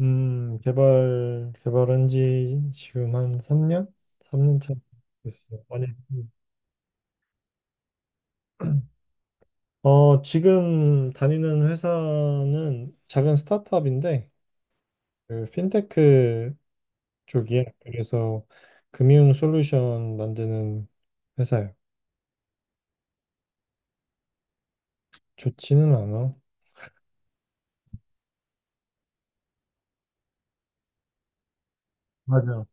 개발한 지 지금 한 3년? 3년 차 됐어요. 많이 했고. 지금 다니는 회사는 작은 스타트업인데, 그 핀테크 쪽이에요. 그래서 금융 솔루션 만드는 회사예요. 좋지는 않아. 맞아.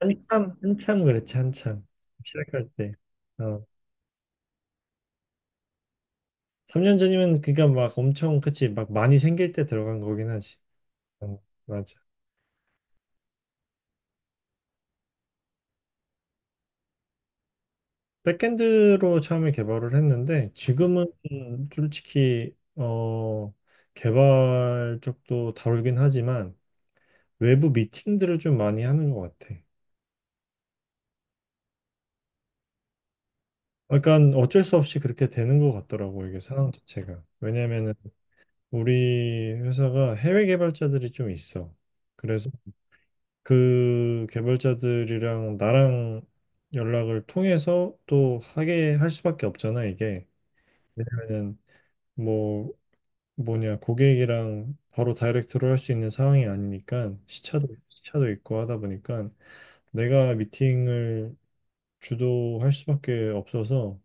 한참, 한참 그랬지, 한참. 시작할 때. 어, 3년 전이면, 그니까 막 엄청, 그치, 막 많이 생길 때 들어간 거긴 하지. 어, 맞아. 백엔드로 처음에 개발을 했는데 지금은 솔직히 개발 쪽도 다루긴 하지만 외부 미팅들을 좀 많이 하는 것 같아. 그러니까 어쩔 수 없이 그렇게 되는 것 같더라고, 이게 상황 자체가. 왜냐면은 우리 회사가 해외 개발자들이 좀 있어. 그래서 그 개발자들이랑 나랑 연락을 통해서 또 하게 할 수밖에 없잖아, 이게. 그러면은 뭐 뭐냐, 고객이랑 바로 다이렉트로 할 수 있는 상황이 아니니까 시차도 있고 하다 보니까 내가 미팅을 주도할 수밖에 없어서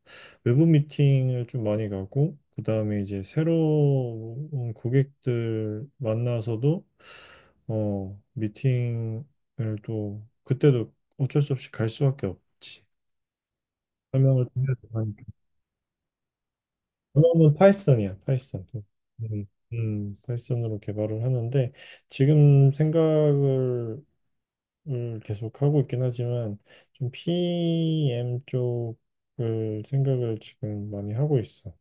외부 미팅을 좀 많이 가고, 그다음에 이제 새로운 고객들 만나서도 미팅을 또 그때도 어쩔 수 없이 갈 수밖에 없지. 설명을 통해서, 그러면 파이썬이야, 파이썬. 음, 파이썬으로 개발을 하는데 지금 생각을 을 계속 하고 있긴 하지만 좀 PM 쪽을 생각을 지금 많이 하고 있어.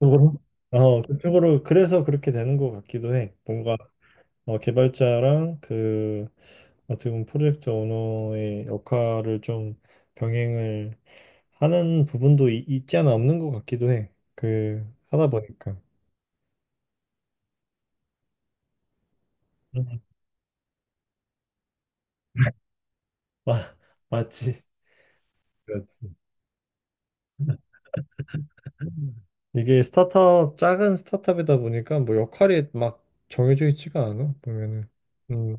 그쪽으로? 그쪽으로. 그래서 그렇게 되는 것 같기도 해. 뭔가 개발자랑, 그 어떻게 보면 프로젝트 오너의 역할을 좀 병행을 하는 부분도 있지 않아, 없는 것 같기도 해. 그 하다 보니까. 마- 맞지. 그렇지. 이게 스타트업, 작은 스타트업이다 보니까 뭐 역할이 막 정해져 있지가 않아, 보면은. 음,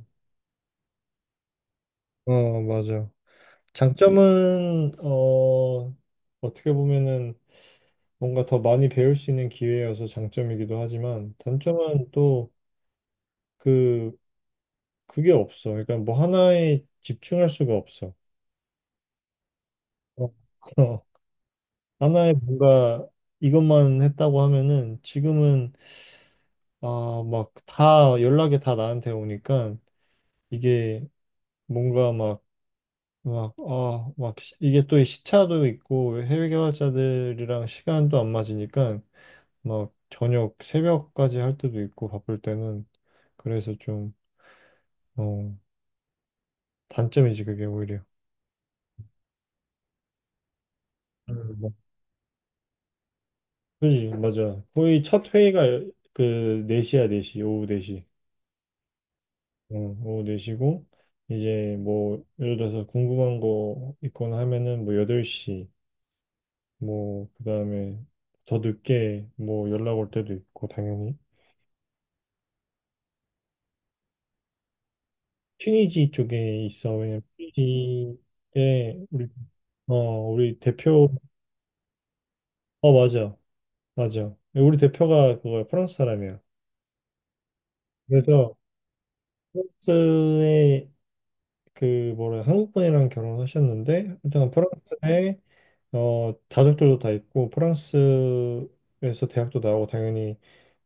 맞아. 장점은, 어떻게 보면은 뭔가 더 많이 배울 수 있는 기회여서 장점이기도 하지만, 단점은 또 그, 그게 없어. 그러니까 뭐 하나에 집중할 수가 없어. 어, 어, 하나에 뭔가 이것만 했다고 하면은 지금은, 아, 막 다 연락이 다 나한테 오니까 이게, 뭔가 이게 또 시차도 있고 해외 개발자들이랑 시간도 안 맞으니까 막 저녁 새벽까지 할 때도 있고 바쁠 때는. 그래서 좀, 어, 단점이지 그게 오히려. 뭐, 그지, 맞아. 거의 첫 회의가 그 4시야, 4시, 오후 4시. 어, 오후 4시고, 이제 뭐 예를 들어서 궁금한 거 있거나 하면은 뭐 8시, 뭐 그다음에 더 늦게 뭐 연락 올 때도 있고 당연히. 튀니지 쪽에 있어. 왜냐면 튀니지에 어 우리 대표, 맞아, 맞아, 우리 대표가 그거 프랑스 사람이야. 그래서 프랑스에 그 뭐래, 한국 분이랑 결혼하셨는데 일단 프랑스에 가족들도 다 있고, 프랑스에서 대학도 나오고 당연히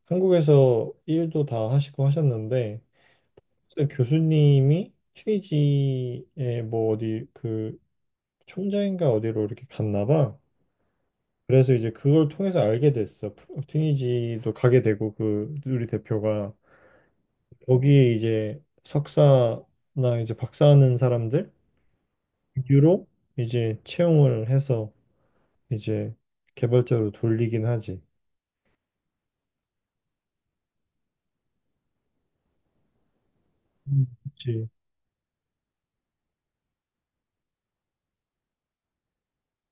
한국에서 일도 다 하시고 하셨는데, 선생님, 교수님이 튀니지에 뭐 어디 그 총장인가 어디로 이렇게 갔나 봐. 그래서 이제 그걸 통해서 알게 됐어. 튀니지도 가게 되고, 그 우리 대표가 거기에 이제 석사나 이제 박사하는 사람들 유로 이제 채용을 해서 이제 개발자로 돌리긴 하지. 그치.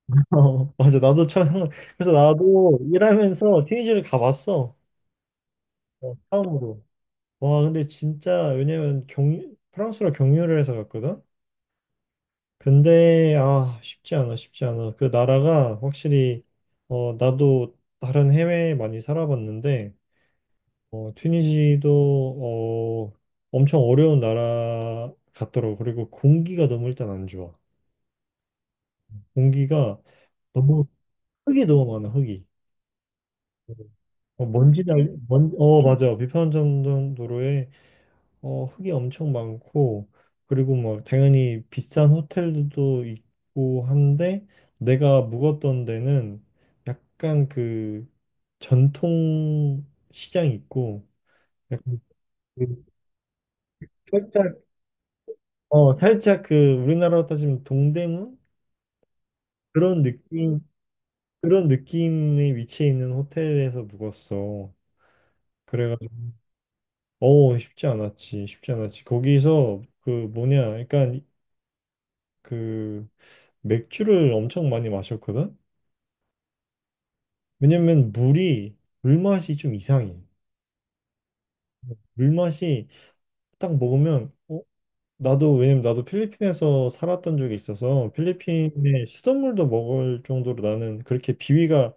맞아. 나도 처음, 그래서 나도 일하면서 튀니지를 가봤어. 처음으로. 와, 근데 진짜, 왜냐면 경 프랑스로 경유를 해서 갔거든. 근데 쉽지 않아, 쉽지 않아. 그 나라가 확실히, 나도 다른 해외에 많이 살아봤는데 튀니지도 엄청 어려운 나라 같더라고. 그리고 공기가 너무 일단 안 좋아. 공기가 너무 흙이 너무 많아, 흙이. 먼지 날, 먼, 어 맞아. 비판 전도로에 흙이 엄청 많고, 그리고 뭐, 당연히 비싼 호텔도 있고 한데, 내가 묵었던 데는 약간 그 전통 시장이 있고, 약간 그 살짝, 살짝 그 우리나라로 따지면 동대문? 그런 느낌, 그런 느낌의 위치에 있는 호텔에서 묵었어. 그래가지고, 쉽지 않았지, 쉽지 않았지. 거기서 그 뭐냐, 약간 그 맥주를 엄청 많이 마셨거든? 왜냐면 물이, 물맛이 좀 이상해. 물맛이 딱 먹으면, 어? 나도, 왜냐면 나도 필리핀에서 살았던 적이 있어서 필리핀의 수돗물도 먹을 정도로 나는 그렇게 비위가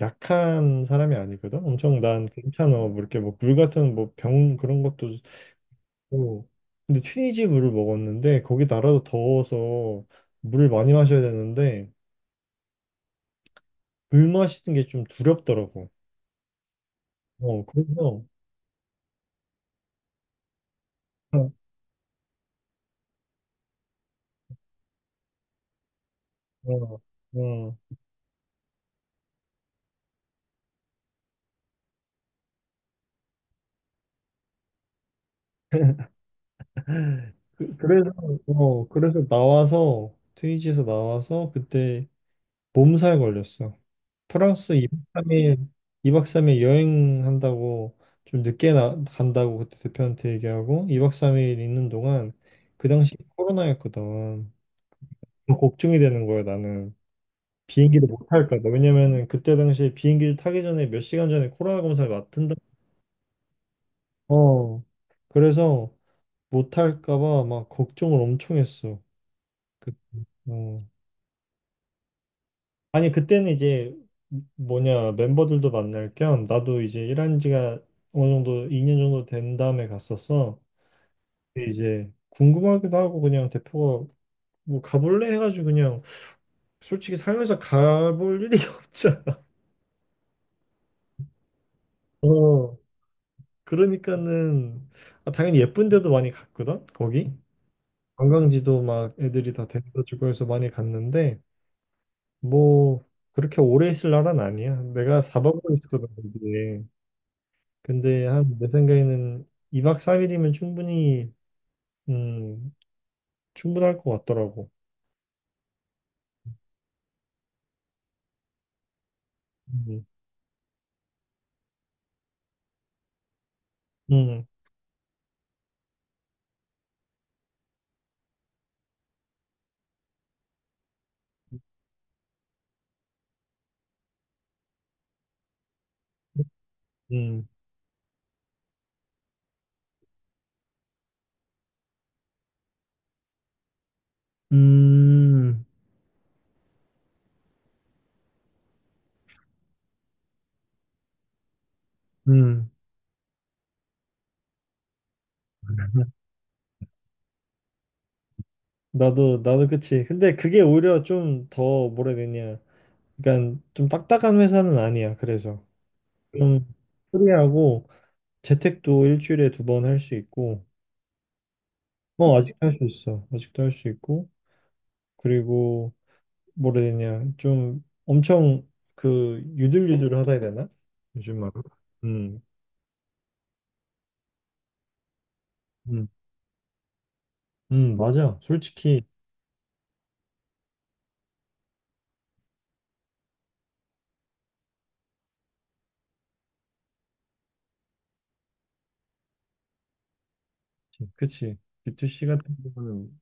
약한 사람이 아니거든? 엄청 난 괜찮아. 뭐 이렇게 뭐 물 같은 뭐 병 그런 것도. 고 근데 튀니지 물을 먹었는데 거기 나라도 더워서 물을 많이 마셔야 되는데 물 마시는 게 좀 두렵더라고. 그래서 어, 어. 그, 그래서, 그래서 나와서, 트위지에서 나와서, 그때 몸살 걸렸어. 프랑스 2박 3일, 2박 3일 여행한다고, 좀 늦게 간다고 그때 대표한테 얘기하고, 2박 3일 있는 동안, 그 당시 코로나였거든. 더 걱정이 되는 거야, 나는. 비행기를 못 탈까봐. 왜냐면은, 그때 당시에 비행기를 타기 전에 몇 시간 전에 코로나 검사를 맡은다. 어. 그래서 못 탈까봐 막 걱정을 엄청 했어. 그, 어. 아니, 그때는 이제 뭐냐, 멤버들도 만날 겸 나도 이제 일한 지가 어느 정도 2년 정도 된 다음에 갔었어. 근데 이제 궁금하기도 하고, 그냥 대표가 뭐 가볼래 해가지고, 그냥 솔직히 살면서 가볼 일이 없잖아. 어. 그러니까는, 당연히 예쁜 데도 많이 갔거든, 거기. 관광지도 막 애들이 다 데려다 주고 해서 많이 갔는데, 뭐 그렇게 오래 있을 날은 아니야. 내가 4박을 있었거든, 거기에. 근데 한 내 생각에는 2박 3일이면 충분히, 음, 충분할 것 같더라고. 음. 음. 음. 음. 음. 나도 그치. 근데 그게 오히려 좀 더 뭐라 해야 되냐. 그러니까 좀 딱딱한 회사는 아니야. 그래서 좀 프리하고, 재택도 일주일에 두 번 할 수 있고. 아직도 할 수 있어. 아직도 할 수 있고, 그리고 뭐라 해야 되냐, 좀 엄청 그 유들유들하다 해야 되나 요즘 막. 음. 음. 음. 맞아, 솔직히. 그치, B2C 같은 경우는.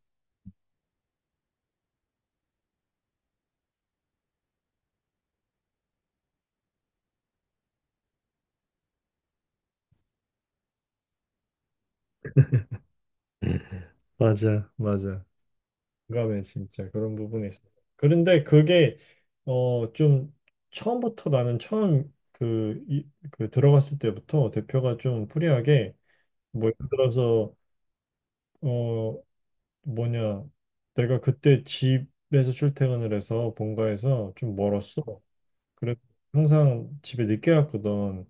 맞아, 맞아. 공감해 진짜, 그런 부분에 있어. 그런데 그게, 좀 처음부터, 나는 처음 그, 이, 그 들어갔을 때부터 대표가 좀 프리하게, 뭐 예를 들어서 어 뭐냐, 내가 그때 집에서 출퇴근을 해서 본가에서 좀 멀었어. 그래, 항상 집에 늦게 갔거든.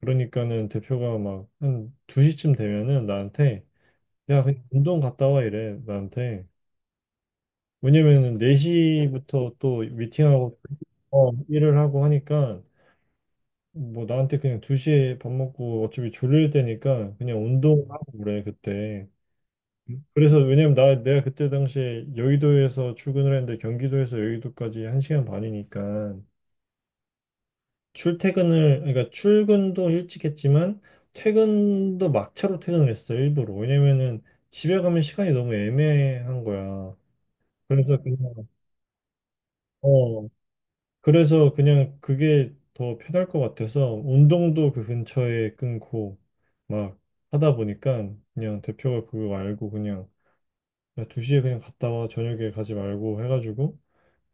그러니까는 대표가 막 한 2시쯤 되면은 나한테, 야, 그냥 운동 갔다 와, 이래. 나한테. 왜냐면은 4시부터 또 미팅하고 일을 하고 하니까, 뭐 나한테 그냥 2시에 밥 먹고 어차피 졸릴 때니까 그냥 운동하고 그래, 그때. 그래서, 왜냐면 나 내가 그때 당시에 여의도에서 출근을 했는데 경기도에서 여의도까지 한 시간 반이니까. 출퇴근을, 그러니까 출근도 일찍 했지만, 퇴근도 막차로 퇴근을 했어, 일부러. 왜냐면은 집에 가면 시간이 너무 애매한 거야. 그래서 그냥, 어, 그래서 그냥 그게 더 편할 것 같아서 운동도 그 근처에 끊고, 막 하다 보니까, 그냥 대표가 그거 알고 그냥, 야, 2시에 그냥 갔다 와, 저녁에 가지 말고 해가지고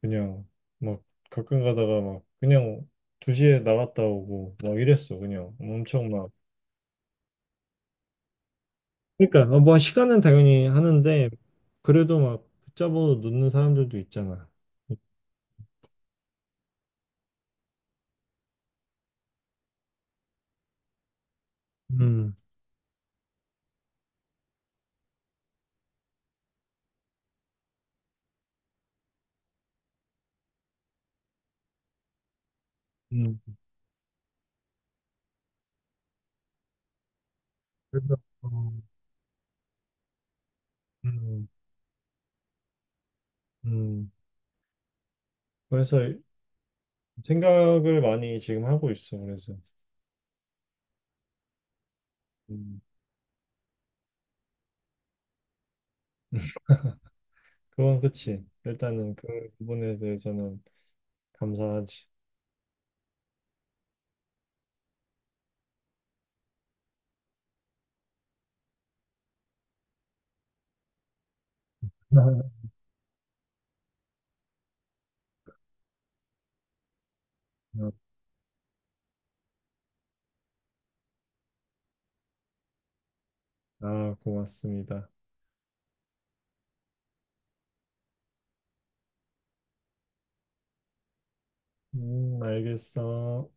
그냥, 막 가끔 가다가 막, 그냥 2시에 나갔다 오고 막 이랬어, 그냥. 엄청 막. 그러니까 뭐 시간은 당연히 하는데 그래도 막 붙잡아서 놓는 사람들도 있잖아. 음. 음. 그래서, 어, 음. 음. 그래서 생각을 많이 지금 하고 있어. 그래서, 음, 그건 그치. 일단은 그 부분에 대해서는 감사하지. 고맙습니다. 알겠어.